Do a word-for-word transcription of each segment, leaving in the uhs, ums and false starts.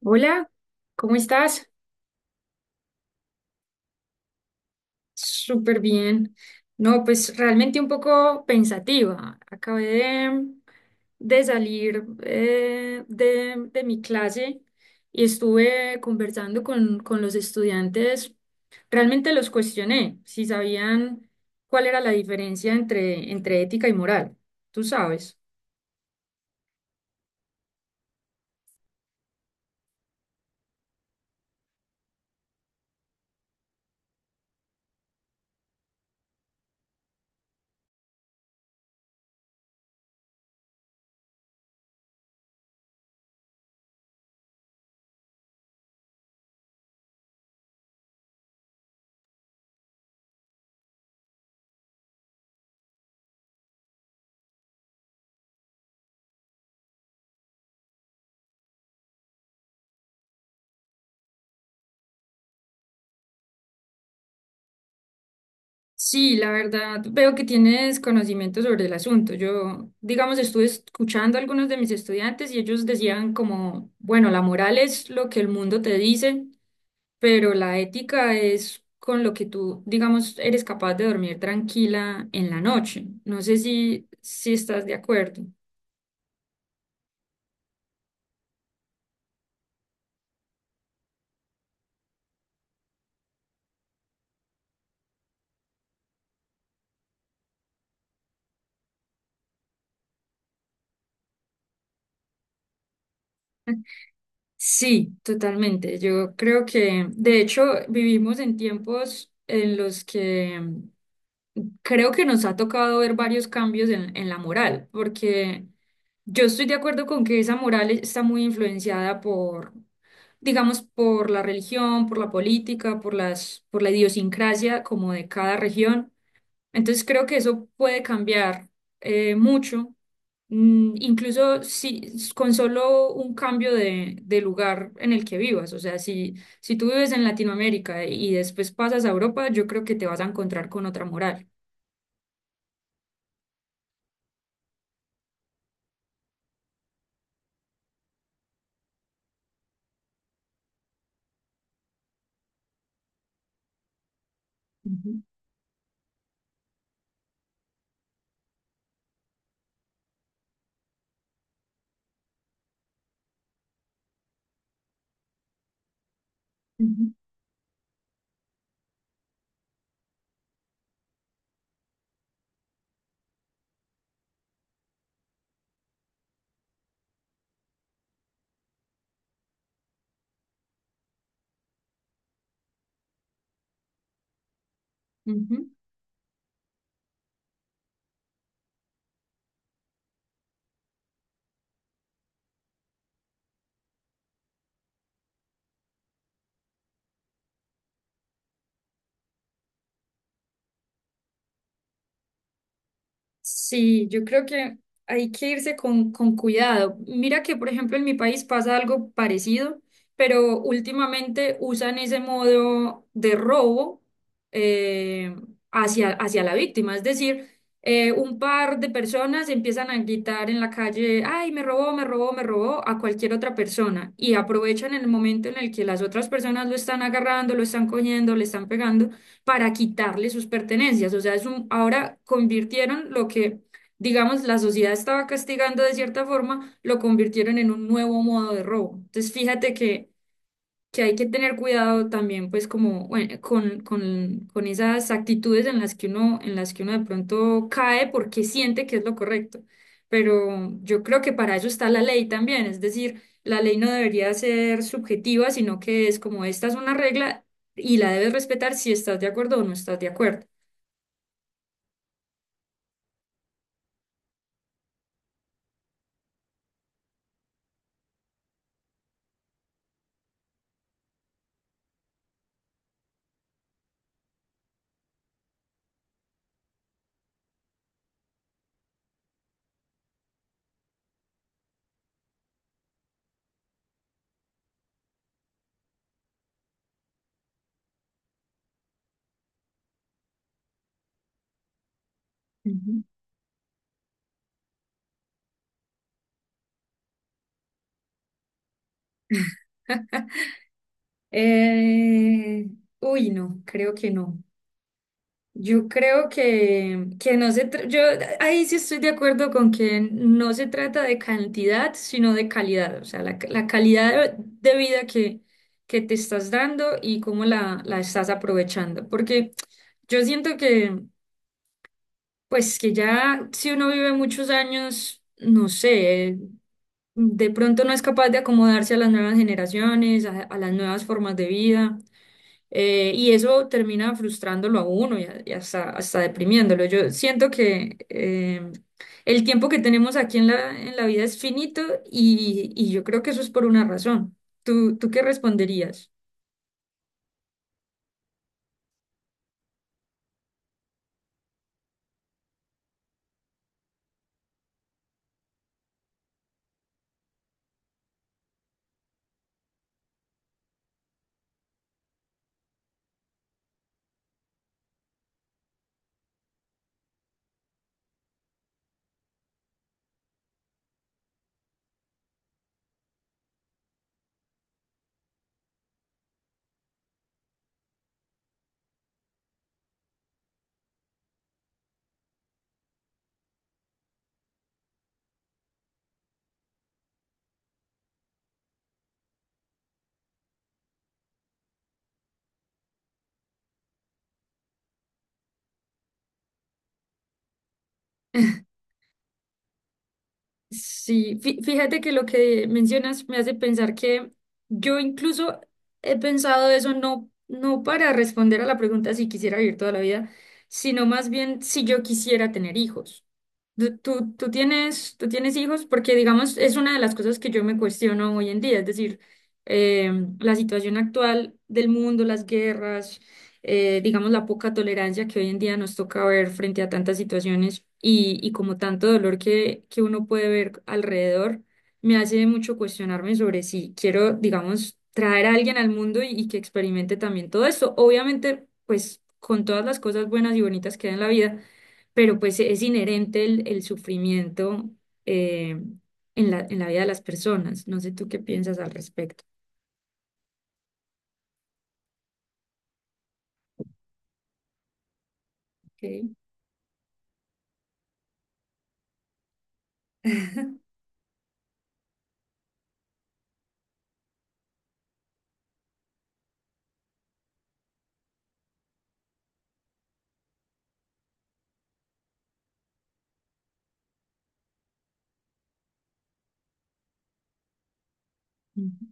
Hola, ¿cómo estás? Súper bien. No, pues realmente un poco pensativa. Acabé de, de salir eh, de, de mi clase y estuve conversando con, con los estudiantes. Realmente los cuestioné si sabían cuál era la diferencia entre, entre ética y moral. Tú sabes. Sí, la verdad, veo que tienes conocimiento sobre el asunto. Yo, digamos, estuve escuchando a algunos de mis estudiantes y ellos decían como, bueno, la moral es lo que el mundo te dice, pero la ética es con lo que tú, digamos, eres capaz de dormir tranquila en la noche. No sé si, si estás de acuerdo. Sí, totalmente. Yo creo que, de hecho, vivimos en tiempos en los que mm, creo que nos ha tocado ver varios cambios en, en la moral, porque yo estoy de acuerdo con que esa moral e-, está muy influenciada por, digamos, por la religión, por la política, por las, por la idiosincrasia como de cada región. Entonces creo que eso puede cambiar eh, mucho, mm, incluso si s- con solo un cambio de, de lugar en el que vivas. O sea, si, si tú vives en Latinoamérica y después pasas a Europa, yo creo que te vas a encontrar con otra moral. Ujú, ujú, ujú. Sí, yo creo que hay que irse con, con cuidado. Mira que, por ejemplo, en mi país pasa algo parecido, pero últimamente usan ese modo de robo eh, hacia, hacia la víctima. Es decir, eh, un par de personas empiezan a gritar en la calle, ay, me robó, me robó, me robó a cualquier otra persona y aprovechan el momento en el que las otras personas lo están agarrando, lo están cogiendo, le están pegando para quitarle sus pertenencias. O sea, es un, ahora convirtieron lo que, digamos, la sociedad estaba castigando de cierta forma, lo convirtieron en un nuevo modo de robo. Entonces, fíjate que que hay que tener cuidado también, pues, como bueno, con, con, con esas actitudes en las que uno, en las que uno de pronto cae porque siente que es lo correcto. Pero yo creo que para eso está la ley también, es decir, la ley no debería ser subjetiva, sino que es como esta es una regla y la debes respetar si estás de acuerdo o no estás de acuerdo. Ujú. Eh, uy, no, creo que no. Yo creo que, que no se tra- yo ahí sí estoy de acuerdo con que no se trata de cantidad, sino de calidad, o sea, la, la calidad de vida que, que te estás dando y cómo la, la estás aprovechando. Porque yo siento que, pues que ya si uno vive muchos años, no sé, de pronto no es capaz de acomodarse a las nuevas generaciones, a a las nuevas formas de vida. Eh, y eso termina frustrándolo a uno y, a- y hasta, hasta deprimiéndolo. Yo siento que eh, el tiempo que tenemos aquí en la, en la vida es finito y, y yo creo que eso es por una razón. ¿Tú, tú qué responderías? Sí, fí- fíjate que lo que mencionas me hace pensar que yo incluso he pensado eso no, no para responder a la pregunta si quisiera vivir toda la vida, sino más bien si yo quisiera tener hijos. Tú, tú, tú tienes, tú tienes hijos porque, digamos, es una de las cosas que yo me cuestiono hoy en día, es decir, eh, la situación actual del mundo, las guerras, eh, digamos, la poca tolerancia que hoy en día nos toca ver frente a tantas situaciones y, y como tanto dolor que, que uno puede ver alrededor, me hace mucho cuestionarme sobre si quiero, digamos, traer a alguien al mundo y, y que experimente también todo esto. Obviamente, pues, con todas las cosas buenas y bonitas que hay en la vida pero pues e-, es inherente el, el sufrimiento eh, en la, en la vida de las personas. No sé tú qué piensas al respecto. Ok. Ujú.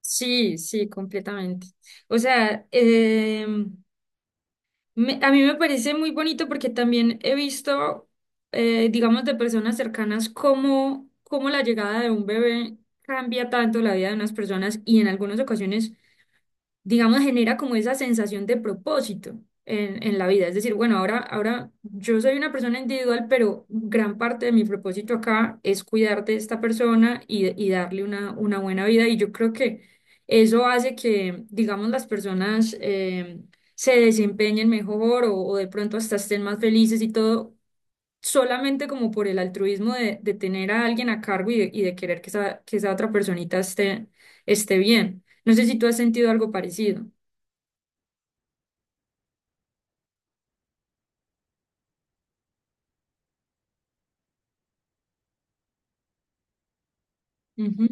Sí, sí, completamente. O sea, em, me- a mí me parece muy bonito porque también he visto, eh, digamos, de personas cercanas cómo, cómo la llegada de un bebé cambia tanto la vida de unas personas y en algunas ocasiones digamos, genera como esa sensación de propósito en, en la vida. Es decir, bueno, ahora, ahora yo soy una persona individual, pero gran parte de mi propósito acá es cuidar de esta persona y, y darle una, una buena vida. Y yo creo que eso hace que, digamos, las personas eh, se desempeñen mejor o, o de pronto hasta estén más felices y todo solamente como por el altruismo de, de tener a alguien a cargo y de, y de querer que esa, que esa otra personita esté, esté bien. No sé si tú has sentido algo parecido. Ujú,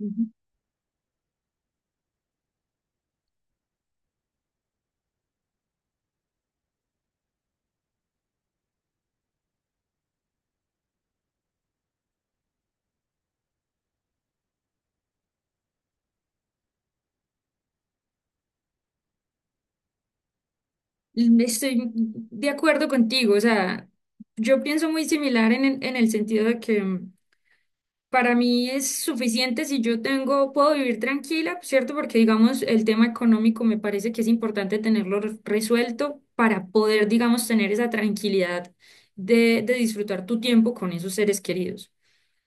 ujú. Estoy de acuerdo contigo, o sea, yo pienso muy similar en, el- en el sentido de que mm, para mí es suficiente si yo tengo, puedo vivir tranquila, ¿cierto? Porque digamos, el tema económico me parece que es importante tenerlo re- resuelto para poder, digamos, tener esa tranquilidad de, de disfrutar tu tiempo con esos seres queridos.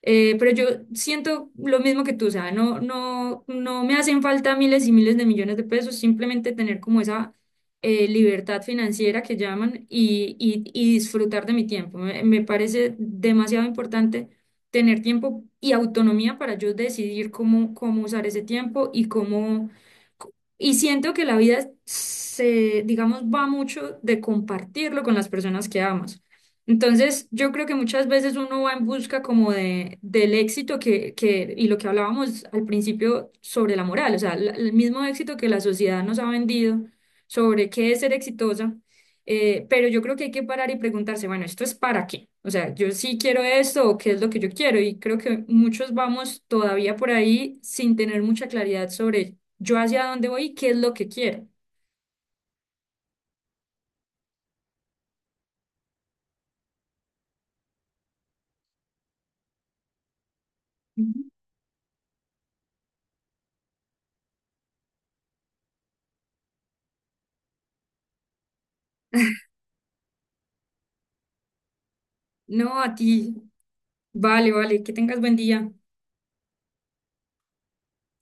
Eh, pero yo siento lo mismo que tú, o sea, no, no, no me hacen falta miles y miles de millones de pesos, simplemente tener como esa eh, libertad financiera que llaman y, y, y disfrutar de mi tiempo. Me, me parece demasiado importante tener tiempo y autonomía para yo decidir cómo, cómo usar ese tiempo y cómo... Y siento que la vida se, digamos, va mucho de compartirlo con las personas que amas. Entonces, yo creo que muchas veces uno va en busca como de, del éxito que, que, y lo que hablábamos al principio sobre la moral, o sea, la- el mismo éxito que la sociedad nos ha vendido sobre qué es ser exitosa, eh, pero yo creo que hay que parar y preguntarse, bueno, ¿esto es para qué? O sea, yo sí quiero esto o qué es lo que yo quiero y creo que muchos vamos todavía por ahí sin tener mucha claridad sobre yo hacia dónde voy y qué es lo que quiero. Ujú. No, a ti, vale, vale, que tengas buen día.